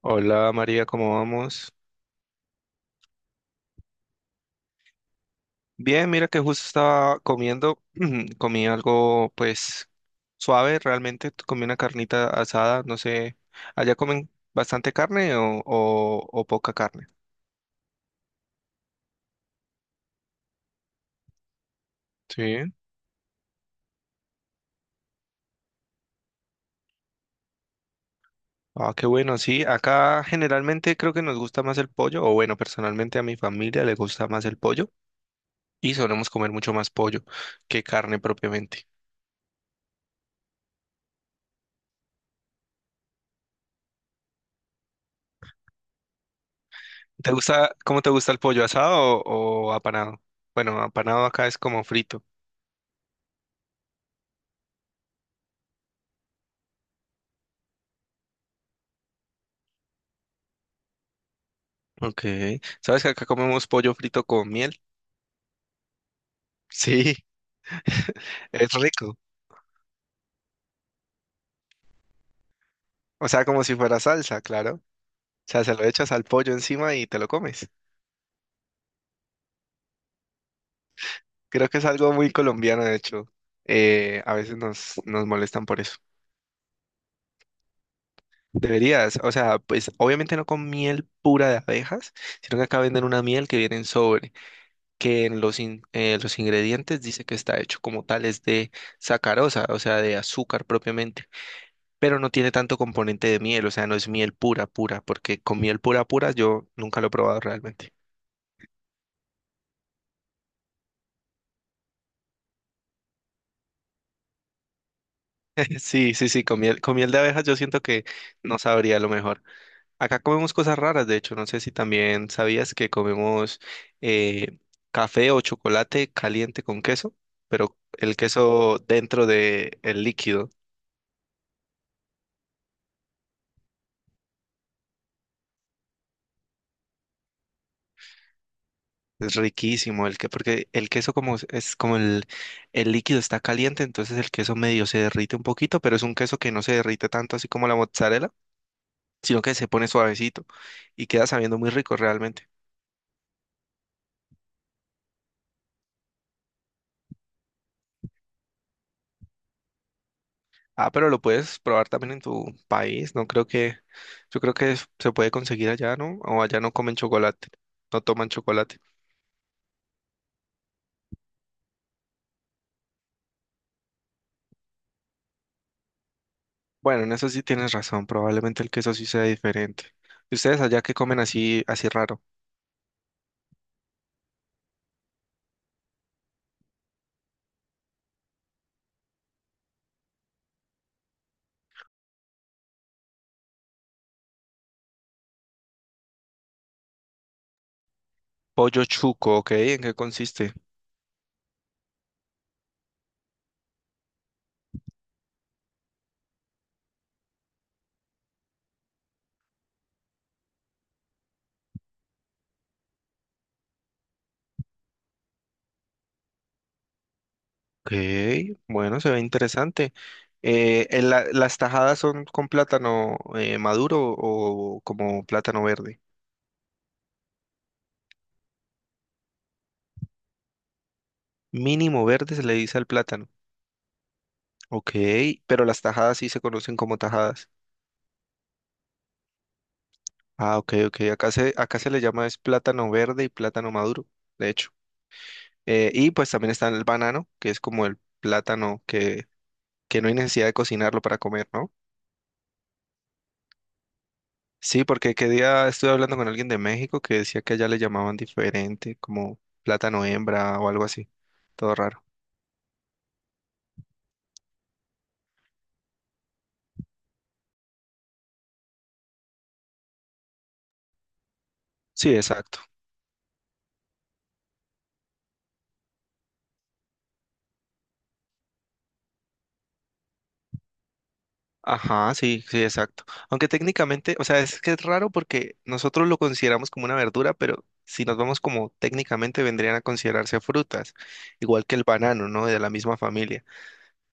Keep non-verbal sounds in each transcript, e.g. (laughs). Hola María, ¿cómo vamos? Bien, mira que justo estaba comiendo, (clears throat) comí algo pues suave realmente, comí una carnita asada, no sé, ¿allá comen bastante carne o poca carne? Sí. Ah, qué bueno, sí, acá generalmente creo que nos gusta más el pollo, o bueno, personalmente a mi familia le gusta más el pollo y solemos comer mucho más pollo que carne propiamente. ¿Te gusta, cómo te gusta el pollo, asado o apanado? Bueno, apanado acá es como frito. Ok. ¿Sabes que acá comemos pollo frito con miel? (laughs) Sí, es rico. O sea, como si fuera salsa, claro. O sea, se lo echas al pollo encima y te lo comes. Creo que es algo muy colombiano, de hecho. A veces nos molestan por eso. Deberías, o sea, pues obviamente no con miel pura de abejas, sino que acá venden una miel que viene en sobre, que en los, los ingredientes dice que está hecho como tales de sacarosa, o sea, de azúcar propiamente. Pero no tiene tanto componente de miel, o sea, no es miel pura, pura, porque con miel pura, pura yo nunca lo he probado realmente. (laughs) Sí, sí, sí, con miel de abejas yo siento que no sabría lo mejor. Acá comemos cosas raras, de hecho, no sé si también sabías que comemos eh, café o chocolate caliente con queso, pero el queso dentro del líquido. Es riquísimo el que, porque el queso como es como el líquido está caliente, entonces el queso medio se derrite un poquito, pero es un queso que no se derrite tanto así como la mozzarella, sino que se pone suavecito y queda sabiendo muy rico realmente. Ah, pero lo puedes probar también en tu país, no creo que, yo creo que es- se puede conseguir allá, ¿no? O allá no comen chocolate, no toman chocolate. Bueno, en eso sí tienes razón, probablemente el queso sí sea diferente. ¿Y ustedes allá qué comen así, así raro? Pollo chuco, ¿ok? ¿En qué consiste? Ok, bueno, se ve interesante. En la- ¿las tajadas son con plátano maduro o como plátano verde? Mínimo verde se le dice al plátano. Ok, pero las tajadas sí se conocen como tajadas. Ah, ok, ok. Acá se le llama es plátano verde y plátano maduro, de hecho. Y pues también está el banano, que es como el plátano que no hay necesidad de cocinarlo para comer, ¿no? Sí, porque qué día estuve hablando con alguien de México que decía que allá le llamaban diferente, como plátano hembra o algo así. Todo raro. Sí, exacto. Ajá, sí, sí, exacto. Aunque técnicamente, o sea, es que es raro porque nosotros lo consideramos como una verdura, pero si nos vamos como técnicamente vendrían a considerarse frutas, igual que el banano, ¿no? De la misma familia.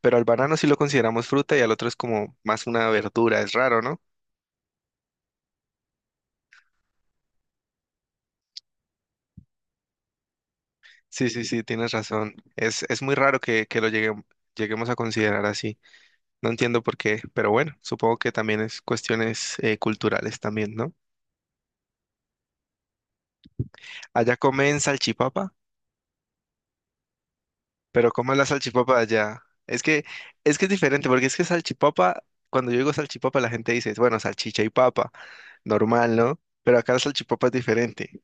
Pero al banano sí lo consideramos fruta y al otro es como más una verdura, es raro, ¿no? Sí, sí, sí, tienes razón. Es muy raro que lo lleguem- lleguemos a considerar así. No entiendo por qué, pero bueno, supongo que también es cuestiones culturales también, ¿no? Allá comen salchipapa, pero ¿cómo es la salchipapa allá? Es que, es que es diferente, porque es que salchipapa, cuando yo digo salchipapa, la gente dice, bueno, salchicha y papa, normal, ¿no? Pero acá la salchipapa es diferente.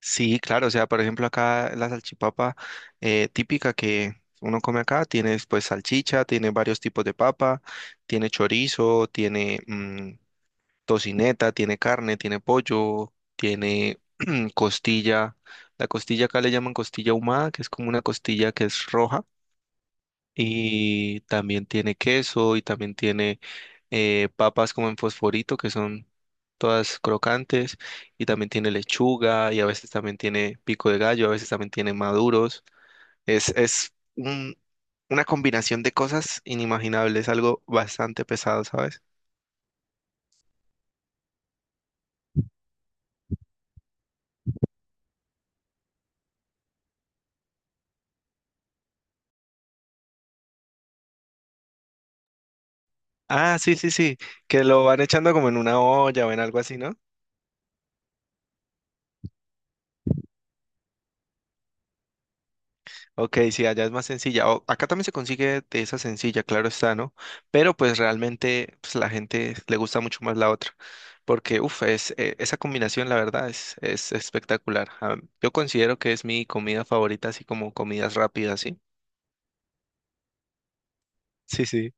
Sí, claro, o sea, por ejemplo, acá la salchipapa típica que uno come acá, tiene pues salchicha, tiene varios tipos de papa, tiene chorizo, tiene tocineta, tiene carne, tiene pollo, tiene (clears throat) costilla. La costilla acá le llaman costilla ahumada, que es como una costilla que es roja. Y también tiene queso y también tiene papas como en fosforito, que son todas crocantes. Y también tiene lechuga y a veces también tiene pico de gallo, a veces también tiene maduros. Es, una combinación de cosas inimaginables, algo bastante pesado, ¿sabes? Ah, sí, sí, sí, que lo van echando como en una olla o en algo así, ¿no? Ok, sí, allá es más sencilla. O- acá también se consigue de esa sencilla, claro está, ¿no? Pero pues realmente pues, la gente le gusta mucho más la otra, porque, uff, es, esa combinación, la verdad, es espectacular. Ah, yo considero que es mi comida favorita, así como comidas rápidas, ¿sí? Sí, sí.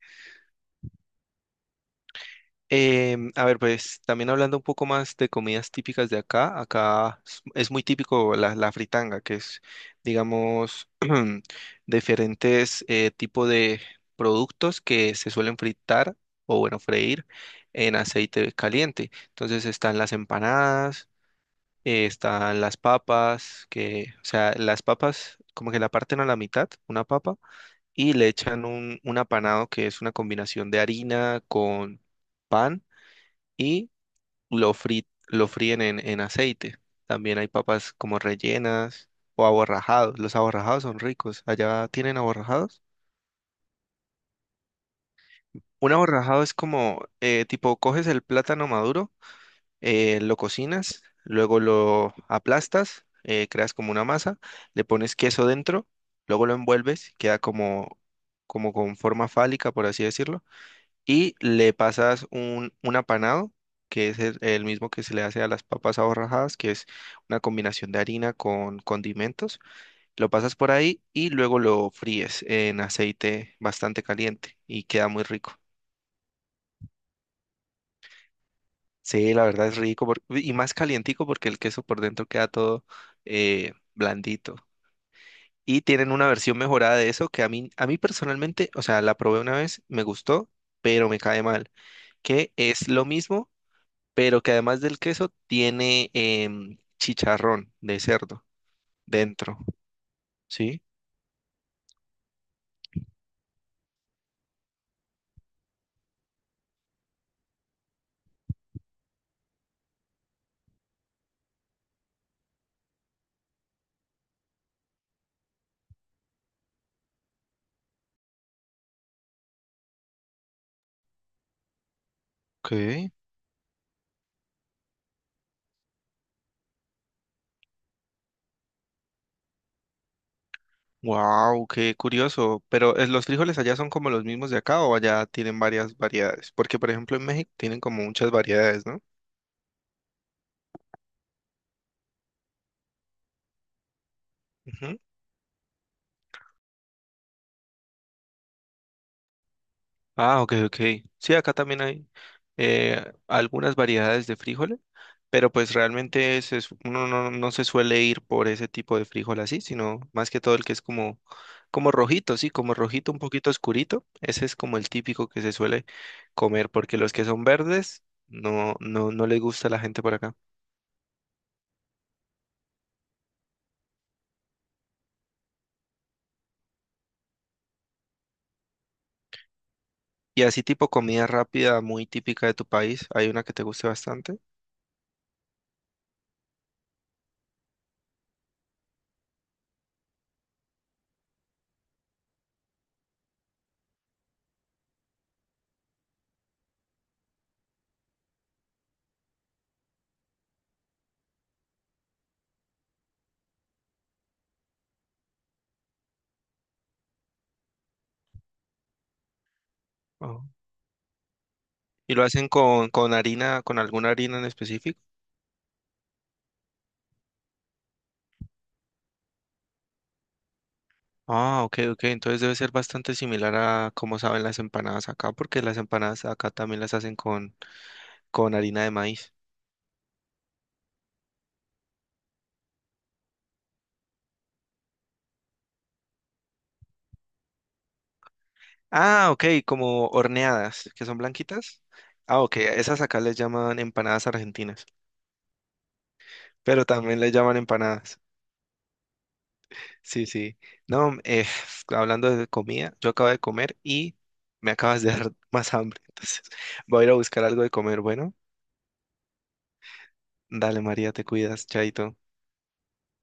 A ver, pues también hablando un poco más de comidas típicas de acá, acá es muy típico la, la fritanga, que es, digamos, (clears throat) diferentes tipos de productos que se suelen fritar o, bueno, freír en aceite caliente. Entonces están las empanadas, están las papas, que, o sea, las papas como que la parten a la mitad, una papa, y le echan un apanado que es una combinación de harina con pan y lo, lo fríen en aceite. También hay papas como rellenas o aborrajados. Los aborrajados son ricos. ¿Allá tienen aborrajados? Un aborrajado es como, tipo, coges el plátano maduro, lo cocinas, luego lo aplastas, creas como una masa, le pones queso dentro, luego lo envuelves, queda como, como con forma fálica, por así decirlo y le pasas un apanado, que es el mismo que se le hace a las papas aborrajadas, que es una combinación de harina con condimentos. Lo pasas por ahí y luego lo fríes en aceite bastante caliente y queda muy rico. Sí, la verdad es rico por- y más calientico porque el queso por dentro queda todo blandito. Y tienen una versión mejorada de eso que a mí personalmente, o sea, la probé una vez, me gustó, pero me cae mal, que es lo mismo pero que además del queso tiene chicharrón de cerdo dentro, ¿sí? Ok. Wow, qué curioso. Pero los frijoles allá son como los mismos de acá o allá tienen varias variedades, porque por ejemplo en México tienen como muchas variedades, ¿no? Ah, ok, ok. Sí, acá también hay algunas variedades de frijoles, pero pues realmente se su- uno no, no se suele ir por ese tipo de frijol así, sino más que todo el que es como, como rojito, sí, como rojito, un poquito oscurito. Ese es como el típico que se suele comer, porque los que son verdes no, no, no les gusta a la gente por acá. Y así tipo comida rápida, muy típica de tu país, hay una que te guste bastante. Oh. ¿Y lo hacen con harina, con alguna harina en específico? Ah, ok, ok. Entonces debe ser bastante similar a cómo saben las empanadas acá, porque las empanadas acá también las hacen con harina de maíz. Ah, ok, como horneadas, que son blanquitas. Ah, ok, esas acá les llaman empanadas argentinas, pero también les llaman empanadas. Sí, sí. No, (laughs) hablando de comida, yo acabo de comer y me acabas de dar (laughs) más hambre. Entonces voy a ir a buscar algo de comer. Bueno, dale María, te cuidas, chaito.